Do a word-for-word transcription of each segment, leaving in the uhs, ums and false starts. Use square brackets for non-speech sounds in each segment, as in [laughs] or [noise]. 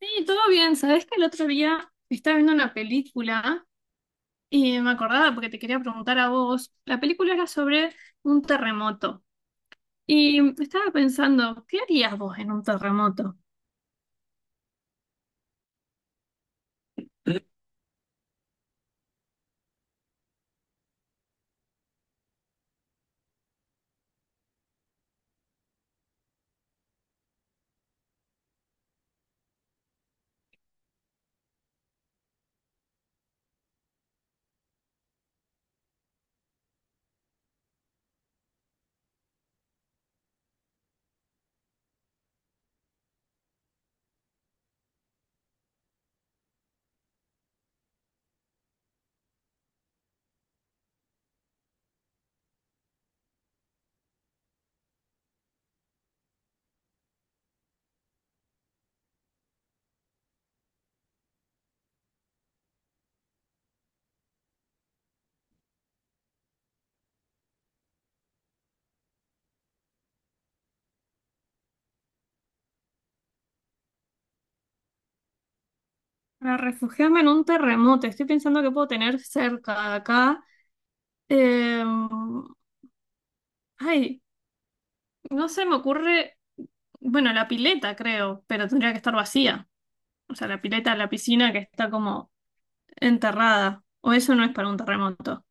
Sí, todo bien. Sabés que el otro día estaba viendo una película y me acordaba porque te quería preguntar a vos. La película era sobre un terremoto y estaba pensando, ¿qué harías vos en un terremoto? Para refugiarme en un terremoto, estoy pensando que puedo tener cerca acá. Eh, Ay, no se me ocurre, bueno, la pileta creo, pero tendría que estar vacía. O sea, la pileta, la piscina que está como enterrada. O eso no es para un terremoto.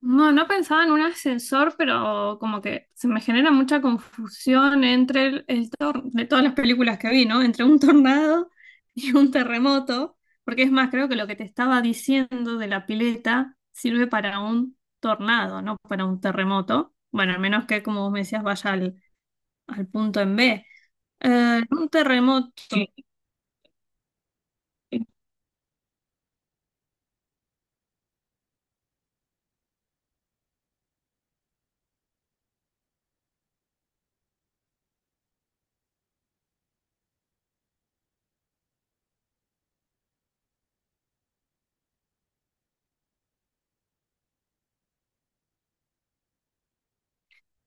No, no pensaba en un ascensor, pero como que se me genera mucha confusión entre el, el tor- de todas las películas que vi, ¿no? Entre un tornado [laughs] y un terremoto, porque es más, creo que lo que te estaba diciendo de la pileta sirve para un tornado, no para un terremoto. Bueno, al menos que, como vos me decías, vaya al, al punto en B. Eh, un terremoto. Sí.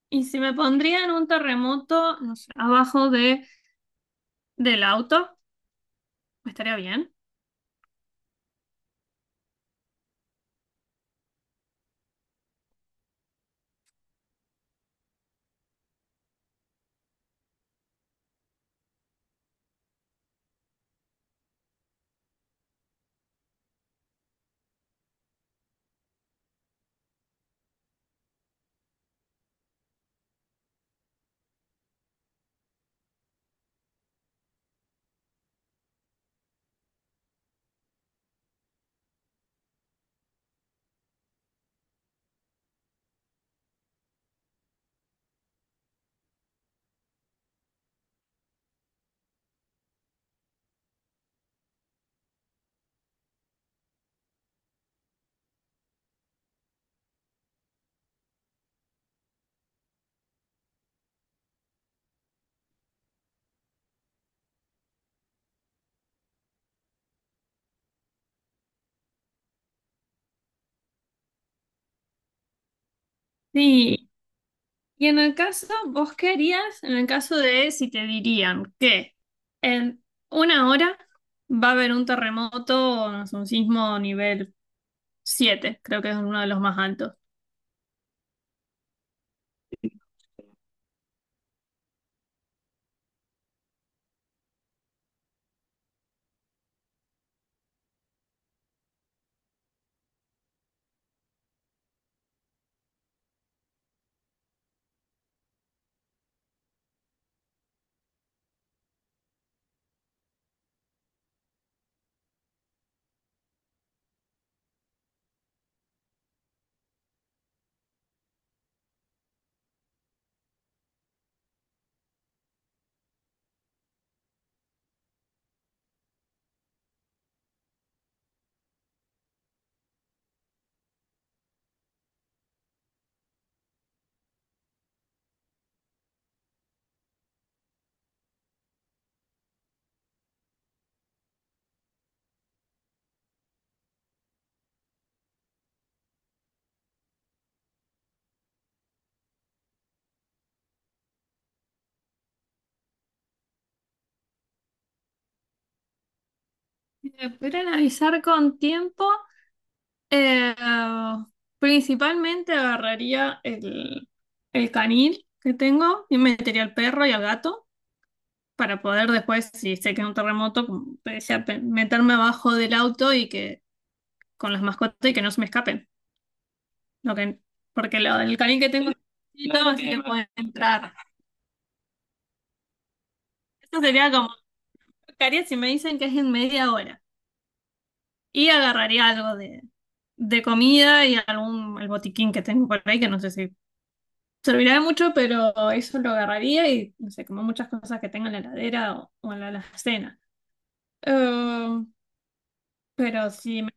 Y si me pondría en un terremoto, no sé, abajo de, del auto, estaría bien. Sí. Y en el caso, ¿vos qué harías en el caso de si te dirían que en una hora va a haber un terremoto, no sé, un sismo nivel siete, creo que es uno de los más altos? Me pudieran avisar con tiempo, eh, principalmente agarraría el, el canil que tengo y metería al perro y al gato para poder después, si sé que es un terremoto, como te decía, pe- meterme abajo del auto y que con las mascotas y que no se me escapen. Lo que, porque lo, el canil que tengo es chiquito, así que puedo entrar. Eso sería como lo que haría si me dicen que es en media hora. Y agarraría algo de, de comida y algún el botiquín que tengo por ahí, que no sé si servirá de mucho, pero eso lo agarraría y no sé, como muchas cosas que tengo en la heladera o, o en la alacena. Eh, pero si, me-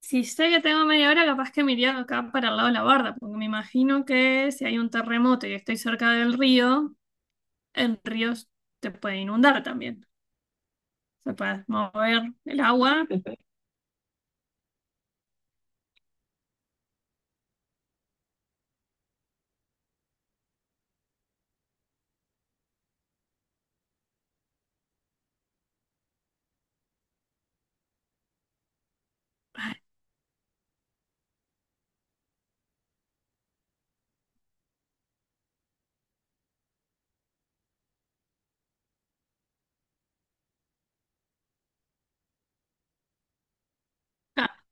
si sé que tengo media hora, capaz que me iría acá para el lado de la barda, porque me imagino que si hay un terremoto y estoy cerca del río. En ríos te puede inundar también. Se puede mover el agua. Ah,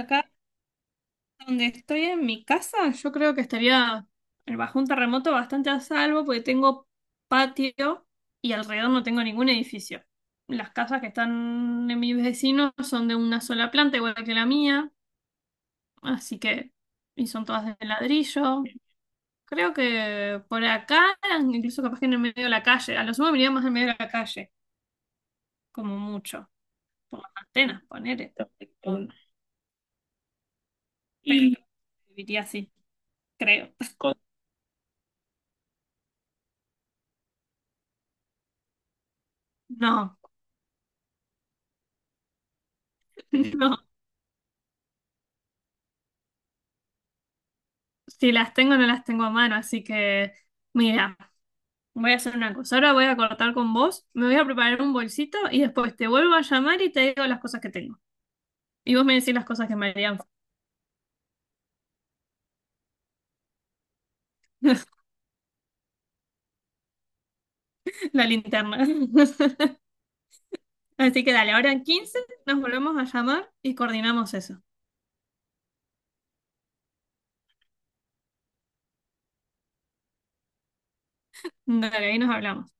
acá donde estoy en mi casa, yo creo que estaría eh, bajo un terremoto bastante a salvo porque tengo patio y alrededor no tengo ningún edificio. Las casas que están en mis vecinos son de una sola planta, igual que la mía, así que, y son todas de ladrillo. Creo que por acá, incluso capaz que en el medio de la calle, a lo sumo me iría más en medio de la calle, como mucho. Por las antenas, ponele. Pero y viviría así, creo. No, [laughs] no. Si las tengo, no las tengo a mano, así que mira, voy a hacer una cosa. Ahora voy a cortar con vos, me voy a preparar un bolsito y después te vuelvo a llamar y te digo las cosas que tengo. Y vos me decís las cosas que me harían [laughs] la linterna. [laughs] Así que dale, ahora en quince nos volvemos a llamar y coordinamos eso. Dale, ahí nos hablamos.